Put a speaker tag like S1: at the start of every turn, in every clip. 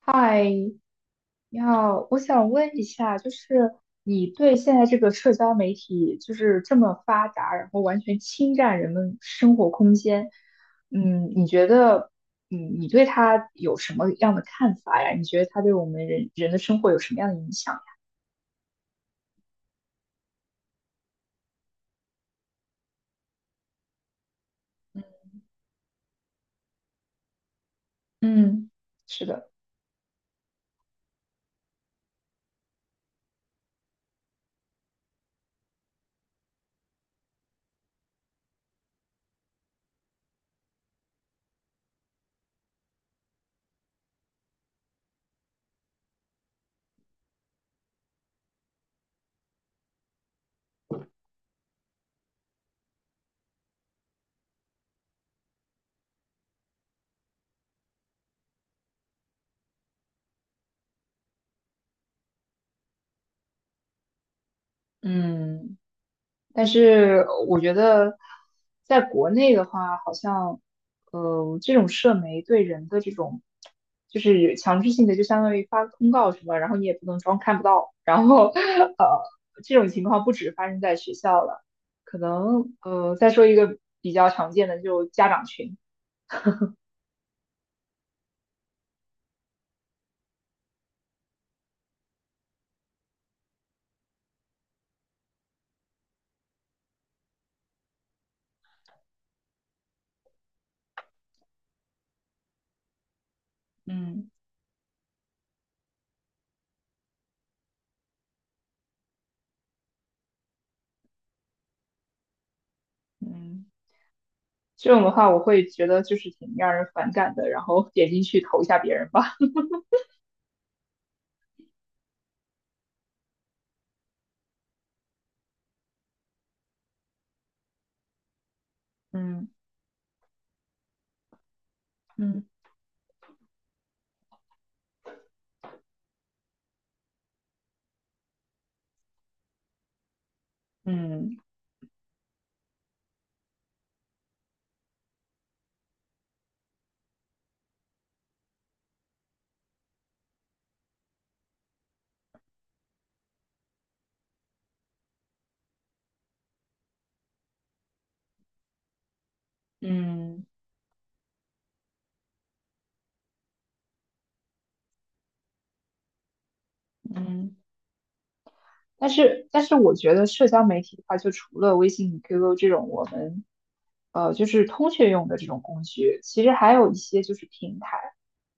S1: 嗨，你好，我想问一下，就是你对现在这个社交媒体就是这么发达，然后完全侵占人们生活空间，你觉得，你对它有什么样的看法呀？你觉得它对我们人人的生活有什么样的影响呀？嗯，是的。嗯，但是我觉得，在国内的话，好像，这种社媒对人的这种，就是强制性的，就相当于发个通告什么，然后你也不能装看不到，然后，呃，这种情况不止发生在学校了，可能，再说一个比较常见的，就家长群。嗯。嗯，这种的话，我会觉得就是挺让人反感的，然后点进去投一下别人吧。嗯。嗯。嗯。嗯。嗯。但是，我觉得社交媒体的话，就除了微信、QQ 这种我们就是通讯用的这种工具，其实还有一些就是平台。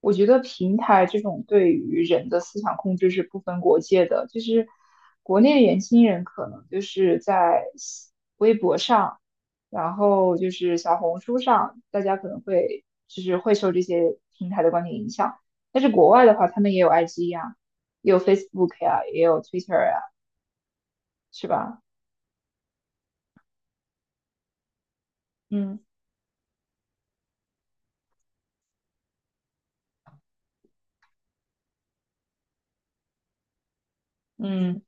S1: 我觉得平台这种对于人的思想控制是不分国界的，就是国内的年轻人可能就是在微博上，然后就是小红书上，大家可能会就是会受这些平台的观点影响。但是国外的话，他们也有 IG 呀，也有 Facebook 呀、也有 Twitter 呀、是吧？嗯。嗯。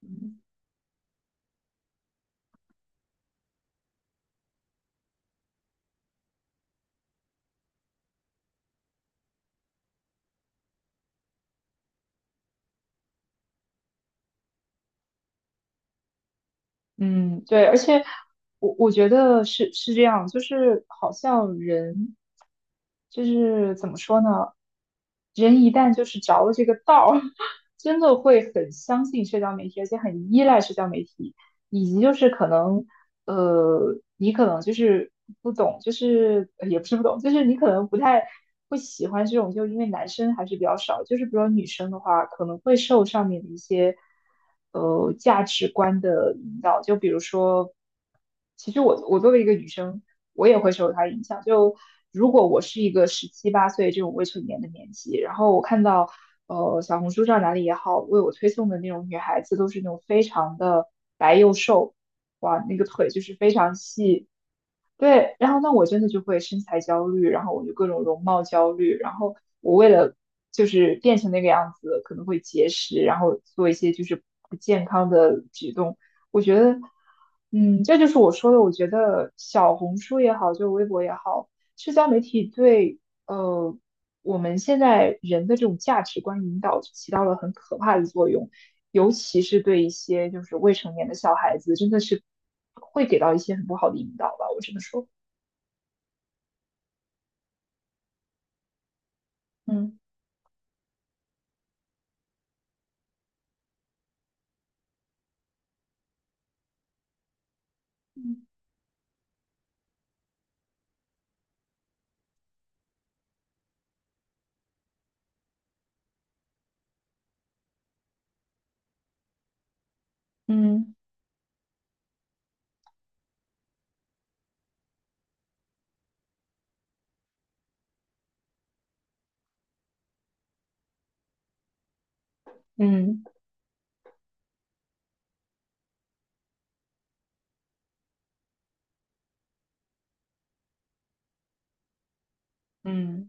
S1: 嗯。嗯，对，而且我觉得是这样，就是好像人就是怎么说呢？人一旦就是着了这个道儿，真的会很相信社交媒体，而且很依赖社交媒体。以及就是可能，你可能就是不懂，就是也不是不懂，就是你可能不太会喜欢这种，就因为男生还是比较少，就是比如说女生的话，可能会受上面的一些，价值观的引导，就比如说。其实我作为一个女生，我也会受她影响。就如果我是一个十七八岁这种未成年的年纪，然后我看到小红书上哪里也好，为我推送的那种女孩子都是那种非常的白又瘦，哇，那个腿就是非常细。对，然后那我真的就会身材焦虑，然后我就各种容貌焦虑，然后我为了就是变成那个样子，可能会节食，然后做一些就是不健康的举动。我觉得，嗯，这就是我说的，我觉得小红书也好，就微博也好，社交媒体对呃我们现在人的这种价值观引导起到了很可怕的作用。尤其是对一些就是未成年的小孩子，真的是会给到一些很不好的引导吧，我只能说。嗯嗯。嗯。嗯。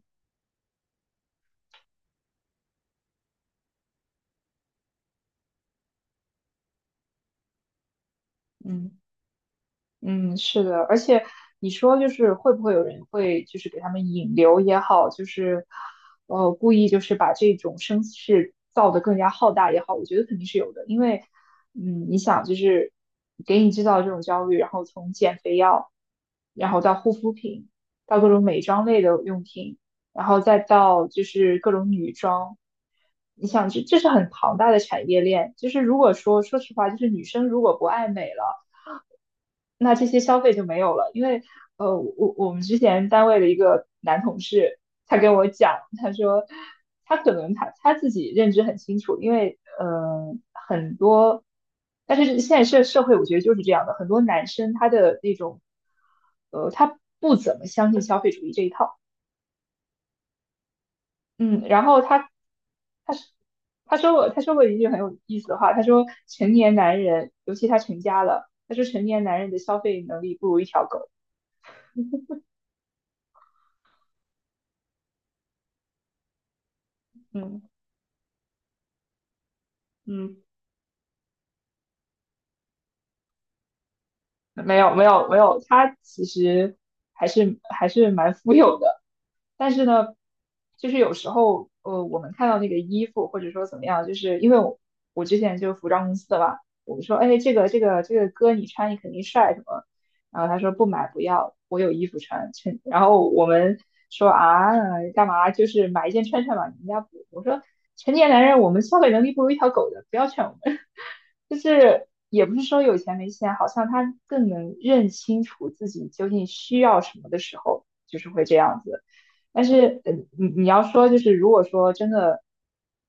S1: 嗯。嗯，是的，而且你说就是会不会有人会就是给他们引流也好，就是故意就是把这种声势造得更加浩大也好，我觉得肯定是有的，因为嗯你想就是给你制造这种焦虑，然后从减肥药，然后到护肤品，到各种美妆类的用品，然后再到就是各种女装，你想这是很庞大的产业链，就是如果说说实话，就是女生如果不爱美了。那这些消费就没有了，因为我们之前单位的一个男同事，他跟我讲。他说他可能他自己认知很清楚，因为很多，但是现在社会我觉得就是这样的，很多男生他的那种，他不怎么相信消费主义这一套。嗯，然后他他说过一句很有意思的话，他说成年男人，尤其他成家了，他说成年男人的消费能力不如一条狗。嗯。嗯，没有没有没有，他其实还是蛮富有的。但是呢，就是有时候我们看到那个衣服或者说怎么样，就是因为我之前就是服装公司的嘛，我们说哎这个哥你穿你肯定帅什么，然后他说不买不要，我有衣服穿，趁然后我们说啊干嘛就是买一件穿嘛，人家不。我说成年男人我们消费能力不如一条狗的，不要劝我们。就是也不是说有钱没钱，好像他更能认清楚自己究竟需要什么的时候，就是会这样子。但是，嗯，你你要说就是，如果说真的，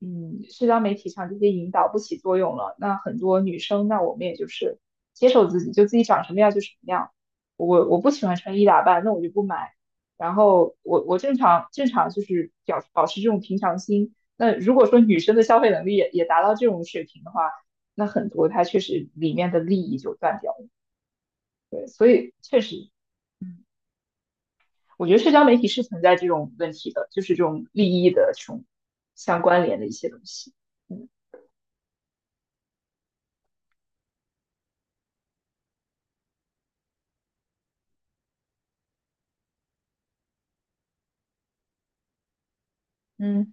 S1: 嗯，社交媒体上这些引导不起作用了，那很多女生，那我们也就是接受自己，就自己长什么样就什么样。我不喜欢穿衣打扮，那我就不买。然后我正常就是表保持这种平常心。那如果说女生的消费能力也达到这种水平的话，那很多它确实里面的利益就断掉了。对，所以确实我觉得社交媒体是存在这种问题的，就是这种利益的这种相关联的一些东西。嗯。嗯。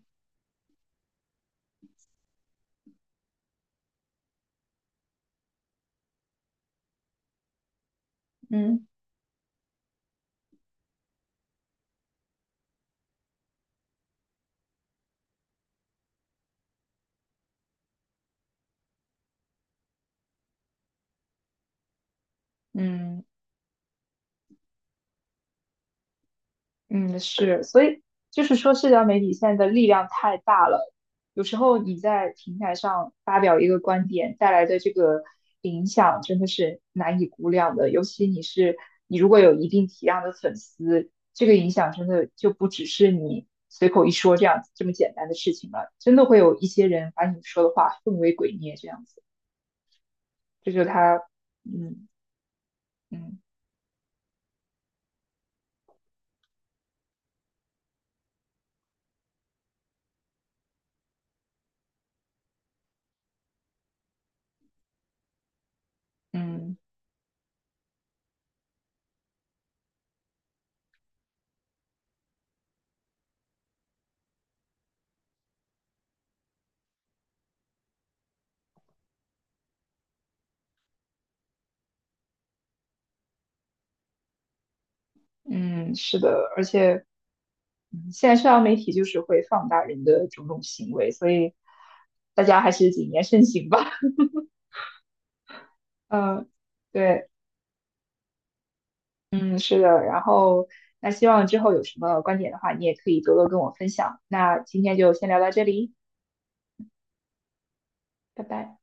S1: 嗯。嗯。嗯，是，所以就是说，社交媒体现在的力量太大了。有时候你在平台上发表一个观点带来的这个影响，真的是难以估量的。尤其你如果有一定体量的粉丝，这个影响真的就不只是你随口一说这样子这么简单的事情了。真的会有一些人把你说的话奉为鬼臬这样子，这就是他。嗯。嗯。嗯。嗯，是的，而且。嗯，现在社交媒体就是会放大人的种种行为，所以大家还是谨言慎行吧。嗯，对，嗯，是的。然后，那希望之后有什么观点的话，你也可以多多跟我分享。那今天就先聊到这里，拜拜。